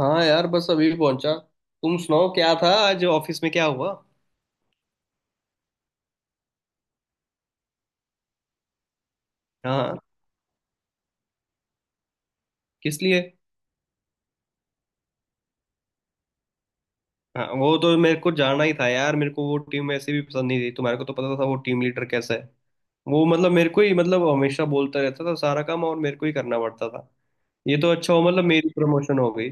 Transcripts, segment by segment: हाँ यार बस अभी पहुंचा। तुम सुनाओ क्या था आज ऑफिस में क्या हुआ। हाँ। किस लिए। हाँ वो तो मेरे को जाना ही था यार। मेरे को वो टीम ऐसे भी पसंद नहीं थी। तुम्हारे को तो पता था वो टीम लीडर कैसा है। वो मतलब मेरे को ही मतलब हमेशा बोलता रहता था सारा काम और मेरे को ही करना पड़ता था। ये तो अच्छा हो मतलब मेरी प्रमोशन हो गई।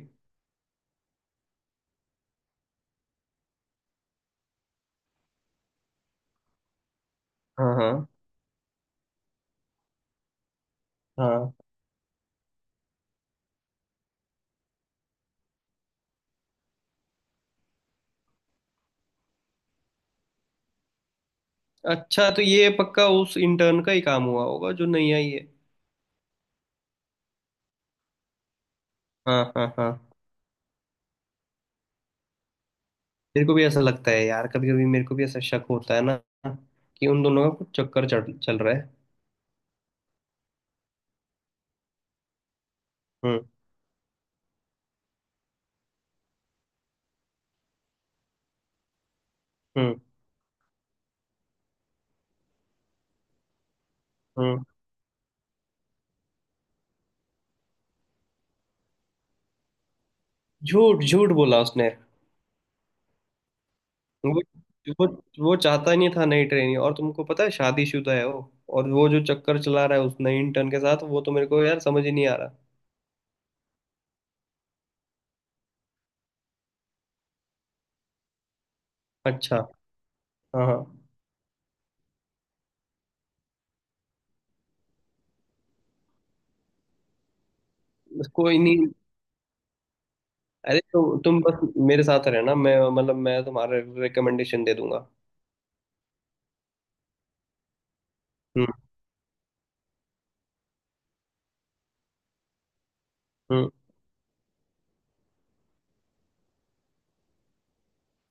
हाँ, हाँ, हाँ। अच्छा तो ये पक्का उस इंटर्न का ही काम हुआ होगा जो नहीं आई है। हाँ, हाँ, हाँ। मेरे को भी ऐसा लगता है यार। कभी कभी मेरे को भी ऐसा शक होता है ना कि उन दोनों का कुछ चक्कर चढ़ चल रहा है। हम्म। हम्म। झूठ झूठ बोला उसने। वो वो वो चाहता ही नहीं था नई ट्रेनिंग और तुमको पता है शादीशुदा है वो। और वो जो चक्कर चला रहा है उस नई इंटर्न के साथ वो तो मेरे को यार समझ ही नहीं आ रहा। अच्छा। हाँ, हाँ। कोई नहीं। अरे तो, तुम बस मेरे साथ रहना। मैं मतलब मैं तुम्हारा रिकमेंडेशन दे दूंगा। हम्म। हम्म।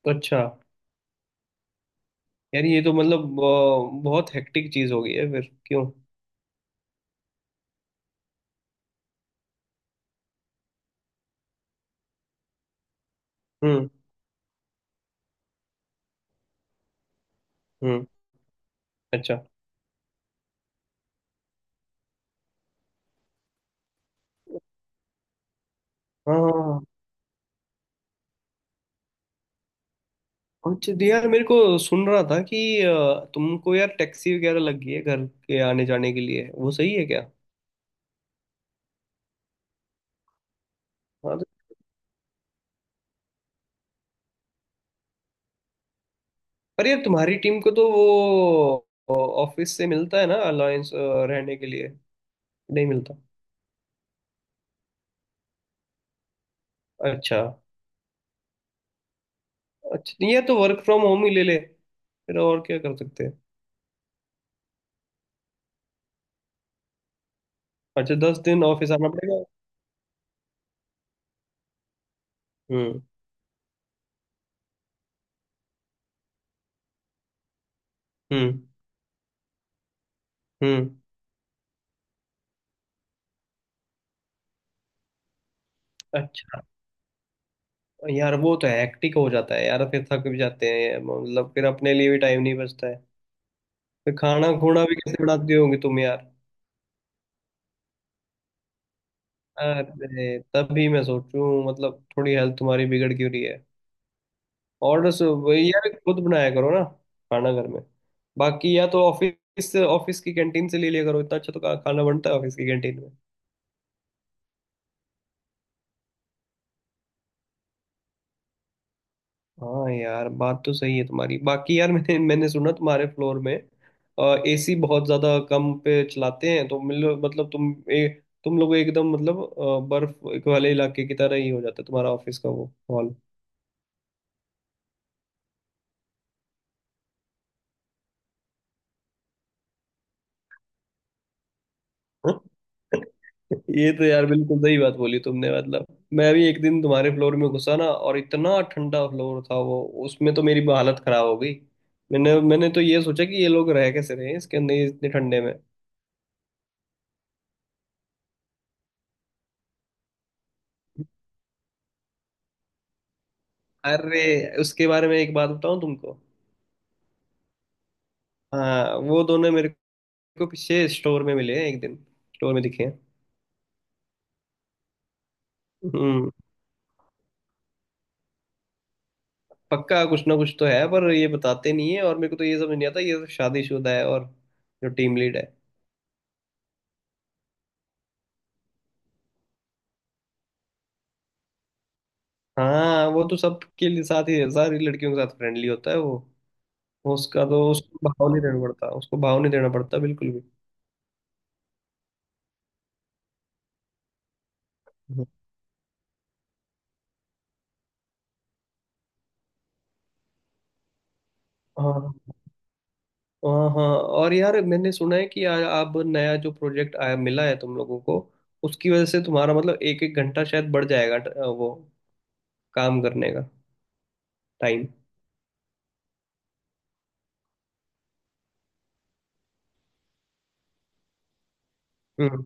तो अच्छा यार ये तो मतलब बहुत हेक्टिक चीज हो गई है। फिर क्यों। हम्म। हम्म। अच्छा। हाँ, हाँ, हाँ। अच्छा तो यार मेरे को सुन रहा था कि तुमको यार टैक्सी वगैरह लग गई है घर के आने जाने के लिए। वो सही है क्या। हाँ। पर यार तुम्हारी टीम को तो वो ऑफिस से मिलता है ना अलायंस रहने के लिए। नहीं मिलता। अच्छा। अच्छा नहीं यार तो वर्क फ्रॉम होम ही ले ले फिर। और क्या कर सकते हैं। अच्छा दस दिन ऑफिस आना पड़ेगा। हम्म। हम्म। हम्म। अच्छा यार वो तो हेक्टिक हो जाता है यार। फिर थक भी जाते हैं मतलब। फिर अपने लिए भी टाइम नहीं बचता है। फिर खाना खूना भी कैसे बनाती होगी तुम यार। अरे तभी मैं सोचूं मतलब थोड़ी हेल्थ तुम्हारी बिगड़ क्यों रही है। ऑर्डर्स वही यार खुद बनाया करो ना खाना घर में। बाकी या तो ऑफिस से ऑफिस की कैंटीन से ले लिया करो। इतना अच्छा तो खाना बनता है ऑफिस की कैंटीन में। हाँ यार बात तो सही है तुम्हारी। बाकी यार मैंने मैंने सुना तुम्हारे फ्लोर में एसी बहुत ज्यादा कम पे चलाते हैं। तो मिल मतलब तुम तुम लोग एकदम मतलब बर्फ वाले इलाके की तरह ही हो जाता है तुम्हारा ऑफिस का वो। ये तो यार बिल्कुल सही बात बोली तुमने मतलब। मैं भी एक दिन तुम्हारे फ्लोर में घुसा ना और इतना ठंडा फ्लोर था वो उसमें तो मेरी हालत खराब हो गई। मैंने मैंने तो ये सोचा कि ये लोग रह कैसे रहे हैं इसके अंदर ये इतने ठंडे में। अरे उसके बारे में एक बात बताऊं तुमको। हाँ वो दोनों मेरे को पीछे स्टोर में मिले हैं एक दिन। स्टोर में दिखे हैं। हम्म। पक्का कुछ ना कुछ तो है पर ये बताते नहीं है। और मेरे को तो ये समझ नहीं आता ये तो शादीशुदा है और जो टीम लीड है। हाँ वो तो सबके लिए साथ ही सारी लड़कियों के साथ फ्रेंडली होता है वो। वो उसका तो उसको भाव नहीं देना पड़ता, उसको भाव नहीं देना पड़ता बिल्कुल भी। हम्म। हाँ, हाँ, हाँ और यार मैंने सुना है कि अब नया जो प्रोजेक्ट आया मिला है तुम लोगों को। उसकी वजह से तुम्हारा मतलब एक एक घंटा शायद बढ़ जाएगा वो काम करने का टाइम। हम्म।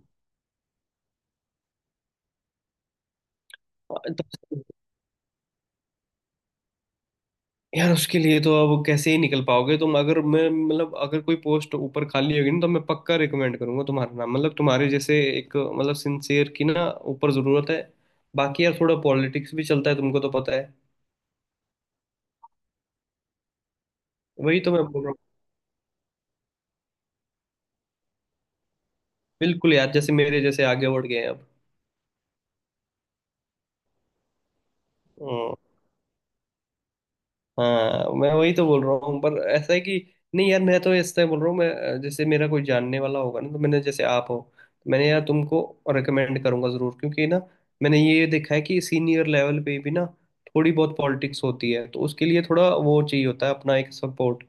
यार उसके लिए तो अब कैसे ही निकल पाओगे तुम। अगर मैं मतलब अगर कोई पोस्ट ऊपर खाली होगी ना तो मैं पक्का रिकमेंड करूंगा तुम्हारा नाम। मतलब तुम्हारे जैसे एक मतलब सिंसियर की ना ऊपर जरूरत है। बाकी यार थोड़ा पॉलिटिक्स भी चलता है तुमको तो पता है। वही तो मैं बोल रहा हूँ। बिल्कुल यार जैसे मेरे जैसे आगे बढ़ गए हैं। अब हाँ मैं वही तो बोल रहा हूँ पर ऐसा है कि नहीं यार, मैं तो इस तरह बोल रहा हूँ। मैं जैसे मेरा कोई जानने वाला होगा ना तो मैंने, जैसे आप हो, तो मैंने यार तुमको रिकमेंड करूंगा जरूर। क्योंकि ना मैंने ये देखा है कि सीनियर लेवल पे भी ना थोड़ी बहुत पॉलिटिक्स होती है। तो उसके लिए थोड़ा वो चाहिए होता है, अपना एक सपोर्ट।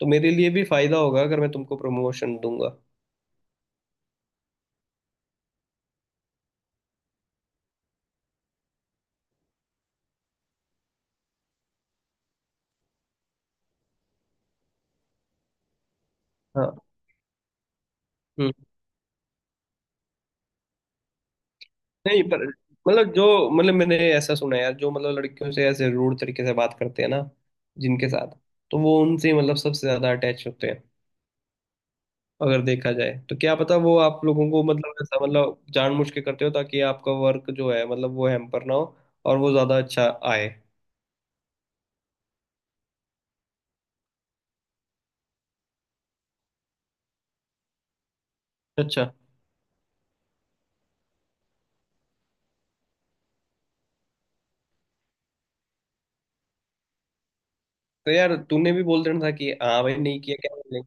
तो मेरे लिए भी फायदा होगा अगर मैं तुमको प्रमोशन दूंगा। हाँ। हम्म। नहीं पर मतलब जो मतलब मैंने ऐसा सुना है यार, जो मतलब लड़कियों से ऐसे रूड तरीके से बात करते हैं ना जिनके साथ, तो वो उनसे मतलब सबसे ज्यादा अटैच होते हैं अगर देखा जाए। तो क्या पता वो आप लोगों को मतलब ऐसा मतलब जानबूझ के करते हो ताकि आपका वर्क जो है मतलब वो हैम्पर ना हो और वो ज्यादा अच्छा आए। अच्छा तो यार, तूने भी बोल देना था कि हाँ भाई नहीं किया, क्या बोलेंगे।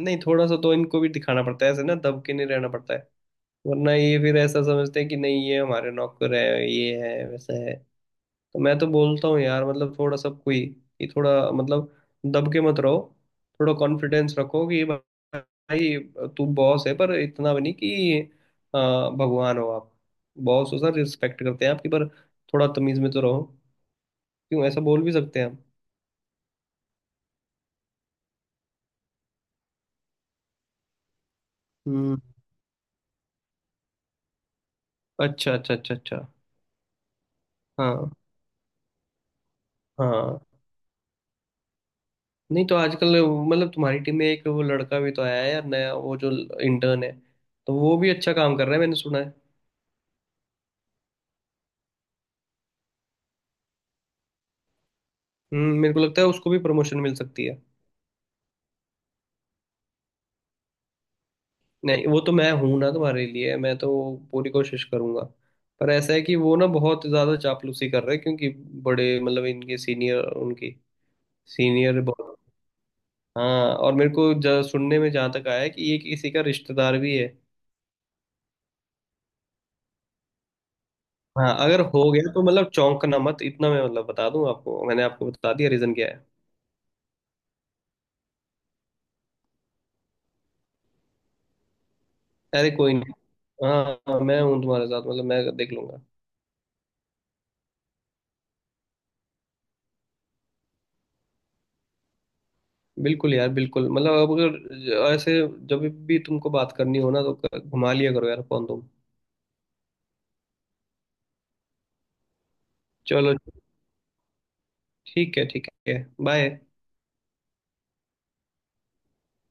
नहीं थोड़ा सा तो इनको भी दिखाना पड़ता है। ऐसे ना दब के नहीं रहना पड़ता है। वरना ये फिर ऐसा समझते हैं कि नहीं ये हमारे नौकर है, ये है वैसा है। तो मैं तो बोलता हूँ यार मतलब थोड़ा सबको ही कि थोड़ा मतलब दब के मत रहो। थोड़ा कॉन्फिडेंस रखो कि भाई तू बॉस है पर इतना भी नहीं कि अ, भगवान हो आप। बॉस हो सर, रिस्पेक्ट करते हैं आपकी पर थोड़ा तमीज में तो रहो। क्यों ऐसा बोल भी सकते हैं हम। हम्म। अच्छा, अच्छा, अच्छा, अच्छा। हाँ, हाँ। नहीं तो आजकल मतलब तुम्हारी टीम में एक वो लड़का भी तो आया है यार, नया, वो जो इंटर्न है। तो वो भी अच्छा काम कर रहा है मैंने सुना है। मेरे को लगता है उसको भी प्रमोशन मिल सकती है। नहीं, वो तो मैं हूं ना तुम्हारे लिए। मैं तो पूरी कोशिश करूंगा। पर ऐसा है कि वो ना बहुत ज्यादा चापलूसी कर रहे हैं क्योंकि बड़े मतलब इनके सीनियर उनकी सीनियर बहुत। हाँ और मेरे को सुनने में जहाँ तक आया है कि ये किसी का रिश्तेदार भी है। हाँ अगर हो गया तो मतलब चौंकना मत इतना। मैं मतलब बता दूं आपको, मैंने आपको बता दिया रीजन क्या है। अरे कोई नहीं। हाँ। हाँ, मैं हूँ तुम्हारे साथ, मतलब मैं देख लूंगा। बिल्कुल यार बिल्कुल मतलब, अब अगर ऐसे जब भी तुमको बात करनी हो ना तो घुमा लिया करो यार फोन तुम। चलो। ठीक है, ठीक है। बाय।